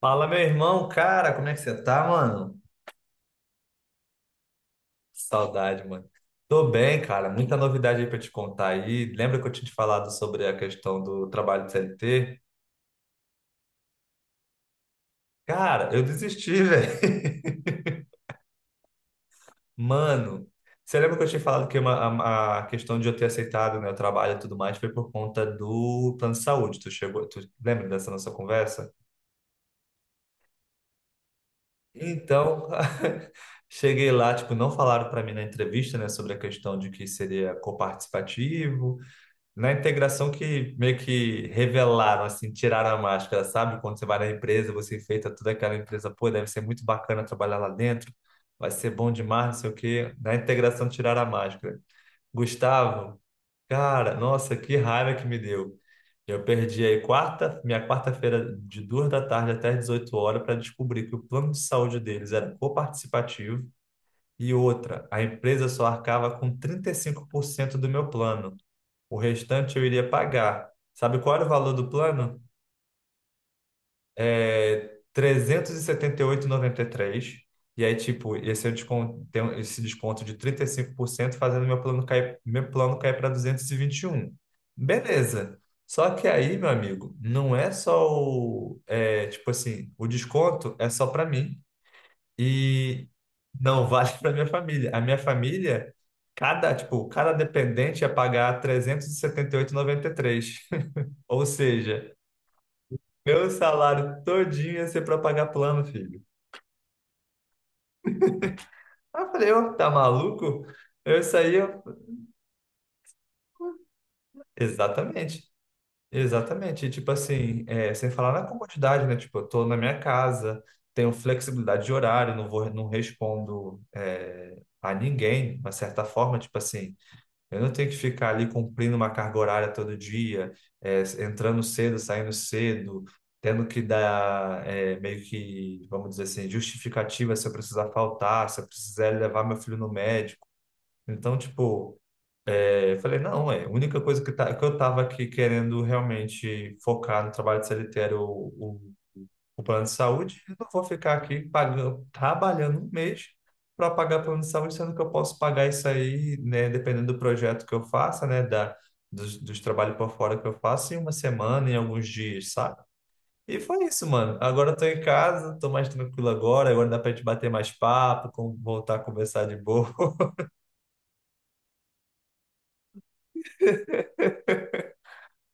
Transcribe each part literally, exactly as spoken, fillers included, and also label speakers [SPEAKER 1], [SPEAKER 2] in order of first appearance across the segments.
[SPEAKER 1] Fala, meu irmão, cara, como é que você tá, mano? Saudade, mano. Tô bem, cara, muita novidade aí pra te contar aí. Lembra que eu tinha te falado sobre a questão do trabalho de C L T? Cara, eu desisti, velho. Mano, você lembra que eu tinha falado que uma- a, a questão de eu ter aceitado, né, o trabalho e tudo mais foi por conta do plano de saúde? Tu chegou, tu lembra dessa nossa conversa? Então, cheguei lá, tipo, não falaram para mim na entrevista, né, sobre a questão de que seria coparticipativo. Na integração que meio que revelaram, assim, tiraram a máscara, sabe? Quando você vai na empresa, você enfeita toda aquela empresa, pô, deve ser muito bacana trabalhar lá dentro, vai ser bom demais, não sei o quê. Na integração tiraram a máscara. Gustavo, cara, nossa, que raiva que me deu. Eu perdi aí quarta, minha quarta-feira de duas da tarde até dezoito horas para descobrir que o plano de saúde deles era coparticipativo e outra, a empresa só arcava com trinta e cinco por cento do meu plano. O restante eu iria pagar. Sabe qual era o valor do plano? É trezentos E setenta e e e oito noventa e três. E aí, tipo, esse, é o desconto, tem um- esse desconto de trinta e cinco por cento fazendo meu plano cair, meu plano cair para duzentos e e vinte e um. Beleza. Só que aí, meu amigo, não é só o... é, tipo assim, o desconto é só para mim. E não vale para minha família. A minha família... Cada, tipo, cada dependente ia pagar trezentos e e e setenta oito e noventa e três, ou seja, meu salário todinho ia ser para pagar plano, filho. Aí eu falei, ô, tá maluco? Eu saí, eu... Exatamente, exatamente. E, tipo assim, é, sem falar na comodidade, né? Tipo, eu tô na minha casa, tenho flexibilidade de horário, não vou, não respondo, é, a ninguém, de uma certa forma, tipo assim. Eu não tenho que ficar ali cumprindo uma carga horária todo dia, eh, entrando cedo, saindo cedo, tendo que dar eh, meio que, vamos dizer assim, justificativa se eu precisar faltar, se eu precisar levar meu filho no médico. Então, tipo, eh, eu falei, não, é, a única coisa que, tá, que eu tava aqui querendo realmente focar no trabalho de C L T era o, o o plano de saúde e não vou ficar aqui pagando, trabalhando um mês para pagar plano de saúde, sendo que eu posso pagar isso aí, né, dependendo do projeto que eu faça, né, da, dos, dos trabalhos por fora que eu faço, em uma semana, em alguns dias, sabe? E foi isso, mano. Agora eu tô em casa, tô mais tranquilo agora, agora dá pra gente bater mais papo, com- voltar a conversar de boa.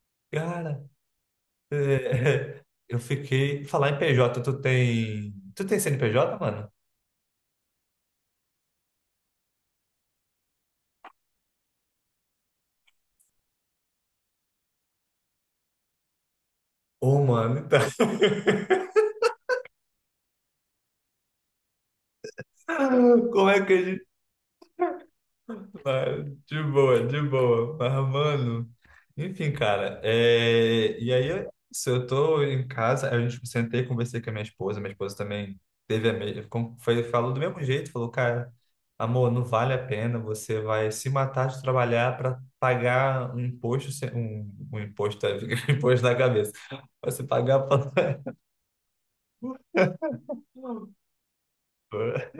[SPEAKER 1] Cara, é, eu fiquei... Falar em P J, tu tem... Tu tem C N P J, mano? Ô, mano, então... Como é que a gente. Ah, De boa, de boa. Mas, mano, enfim, cara. é, E aí, se eu tô em casa, a gente sentei, conversei com a minha esposa. Minha esposa também teve a mesma. Foi, falou do mesmo jeito, falou, cara, amor, não vale a pena. Você vai se matar de trabalhar para pagar um imposto, sem- um, um imposto, um imposto na cabeça. Você pagar pra-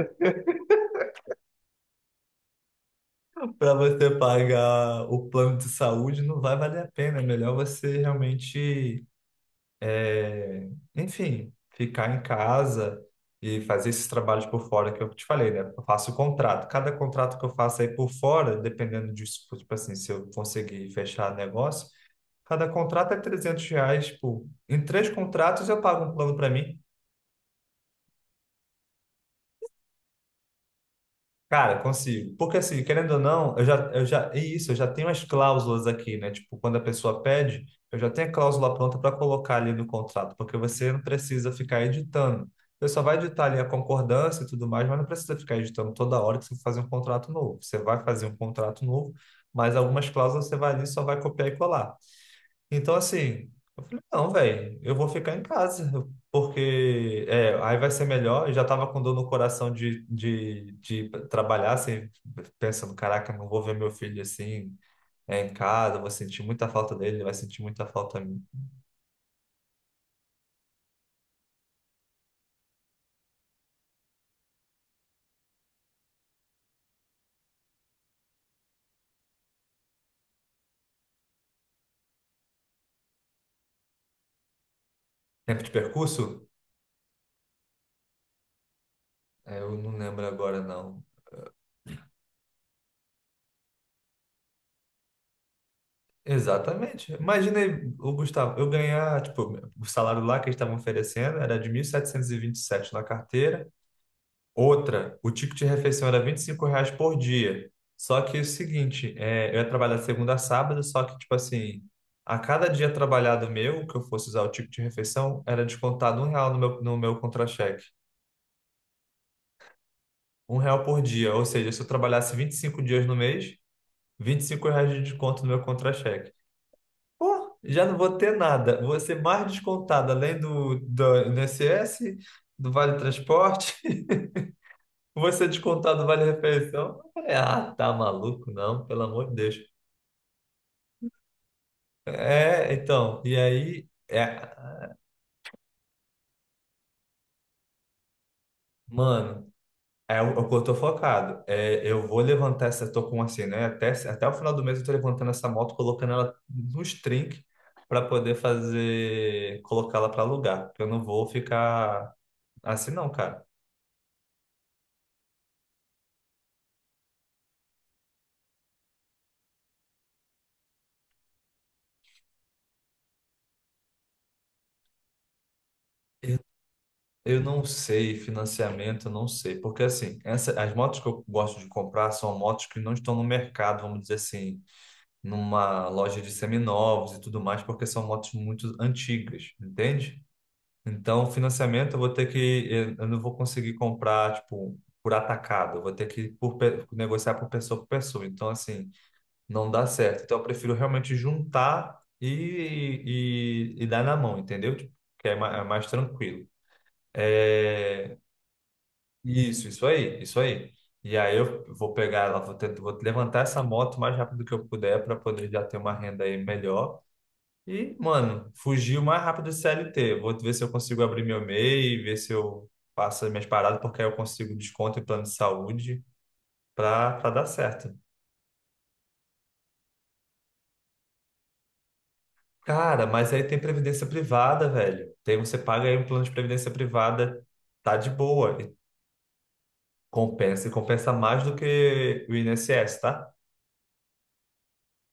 [SPEAKER 1] Para você pagar o plano de saúde não vai valer a pena. É melhor você realmente. É, Enfim, ficar em casa e fazer esses trabalhos por fora que eu te falei, né? Eu faço o contrato. Cada contrato que eu faço aí por fora, dependendo disso, tipo assim, se eu conseguir fechar negócio, cada contrato é trezentos reais. Tipo, em três contratos eu pago um plano para mim. Cara, consigo. Porque assim, querendo ou não, eu já, eu já, é isso, eu já tenho as cláusulas aqui, né? Tipo, quando a pessoa pede, eu já tenho a cláusula pronta para colocar ali no contrato, porque você não precisa ficar editando. Você só vai editar ali a concordância e tudo mais, mas não precisa ficar editando toda hora que você for fazer um contrato novo. Você vai fazer um contrato novo, mas algumas cláusulas você vai ali e só vai copiar e colar. Então, assim, eu falei, não, velho, eu vou ficar em casa, porque é, aí vai ser melhor. Eu já tava com dor no coração de, de, de trabalhar, assim, pensando, caraca, não vou ver meu filho assim, é, em casa, eu vou sentir muita falta dele, ele vai sentir muita falta a mim. Tempo de percurso? É, eu não lembro agora, não. Exatamente. Imaginei, o Gustavo, eu ganhar, tipo, o salário lá que eles estavam oferecendo era de mil setecentos e e vinte e sete na carteira. Outra, o ticket de refeição era vinte e cinco reais por dia. Só que é o seguinte, é, eu ia trabalhar de segunda a sábado, só que, tipo assim, a cada dia trabalhado meu, que eu fosse usar o ticket de refeição, era descontado um real no meu, no meu contra-cheque. Um real por dia. Ou seja, se eu trabalhasse vinte e cinco dias no mês, vinte e cinco reais de desconto no meu contra-cheque. Pô, já não vou ter nada. Vou ser mais descontado, além do, do INSS, do Vale Transporte. Você descontar do Vale Refeição? Eu falei, ah, tá maluco, não, pelo amor de Deus. É, então, e aí, é, mano, é o, é o que eu tô focado. É, eu vou levantar essa, tô com assim, né? Até, até o final do mês eu tô levantando essa moto, colocando ela nos trinques para poder fazer, colocá-la para alugar. Porque eu não vou ficar assim, não, cara. Eu não sei financiamento, eu não sei. Porque assim, essa, as motos que eu gosto de comprar são motos que não estão no mercado, vamos dizer assim, numa loja de seminovos e tudo mais, porque são motos muito antigas, entende? Então, financiamento eu vou ter que, eu eu não vou conseguir comprar, tipo, por atacado, eu vou ter que por, pe- negociar por pessoa por pessoa. Então, assim, não dá certo. Então, eu prefiro realmente juntar e, e, e dar na mão, entendeu? Tipo, que é ma- é mais tranquilo. É, isso, isso aí, isso aí. E aí eu vou pegar ela, vou, tentar, vou levantar essa moto o mais rápido que eu puder para poder já ter uma renda aí melhor. E, mano, fugir o mais rápido do C L T. Vou ver se eu consigo abrir meu MEI, ver se eu faço as minhas paradas, porque aí eu consigo desconto em plano de saúde pra, pra dar certo. Cara, mas aí tem previdência privada, velho. Tem, você paga aí um plano de previdência privada, tá de boa. E compensa, e compensa mais do que o INSS, tá?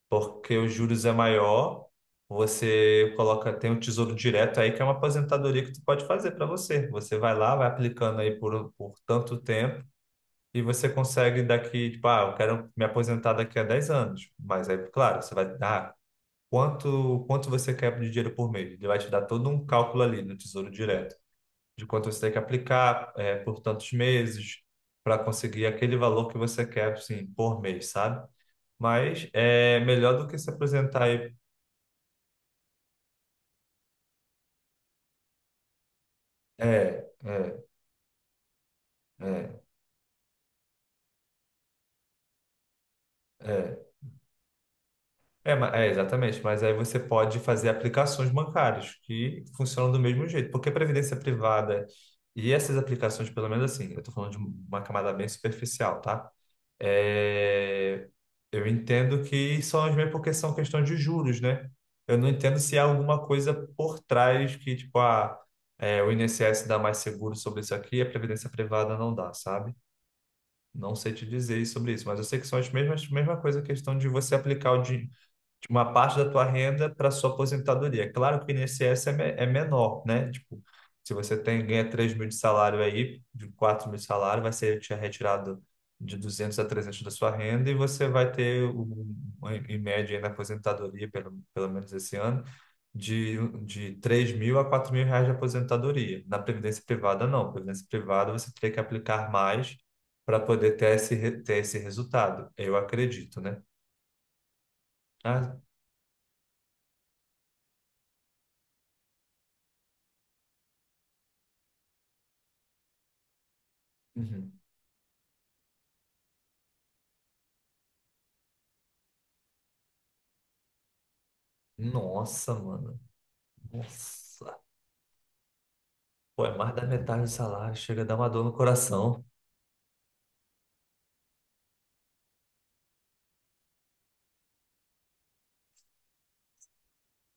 [SPEAKER 1] Porque os juros é maior, você coloca, tem o Tesouro Direto aí, que é uma aposentadoria que tu pode fazer pra você. Você vai lá, vai aplicando aí por, por tanto tempo. E você consegue daqui, tipo, ah, eu quero me aposentar daqui a dez anos. Mas aí, claro, você vai dar quanto, quanto você quer de dinheiro por mês. Ele vai te dar todo um cálculo ali no Tesouro Direto, de quanto você tem que aplicar eh, por tantos meses para conseguir aquele valor que você quer, assim, por mês, sabe? Mas é melhor do que se aposentar aí. É, é, é, é. É, ma- é, exatamente, mas aí você pode fazer aplicações bancárias que funcionam do mesmo jeito, porque previdência privada e essas aplicações, pelo menos assim, eu estou falando de uma camada bem superficial, tá? É, eu entendo que são as mesmas porque são questão de juros, né? Eu não entendo se há alguma coisa por trás que, tipo, ah, é, o INSS dá mais seguro sobre isso aqui e a previdência privada não dá, sabe? Não sei te dizer sobre isso, mas eu sei que são as mesmas, mesma coisa, a questão de você aplicar o dinheiro, tipo, uma parte da tua renda para sua aposentadoria. Claro que o INSS é, me- é menor, né? Tipo, se você tem, ganha três mil de salário aí, de quatro mil de salário, vai ser te retirado de duzentos a trezentos da sua renda e você vai ter, um, um, em média, aí na aposentadoria, pelo, pelo menos esse ano, de, de três mil a quatro mil reais de aposentadoria. Na Previdência Privada, não. Previdência Privada, você teria que aplicar mais para poder ter esse, re- ter esse resultado. Eu acredito, né? Ah, uhum. Nossa, mano. Nossa. Pô, é mais da metade do salário. Chega a dar uma dor no coração.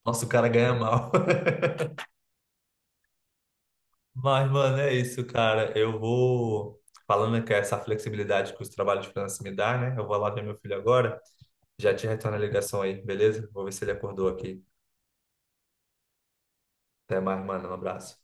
[SPEAKER 1] Nossa, o cara ganha mal. Mas, mano, é isso, cara. Eu vou. Falando que é essa flexibilidade que os trabalhos de freelance me dá, né? Eu vou lá ver meu filho agora. Já te retorno a ligação aí, beleza? Vou ver se ele acordou aqui. Até mais, mano. Um abraço.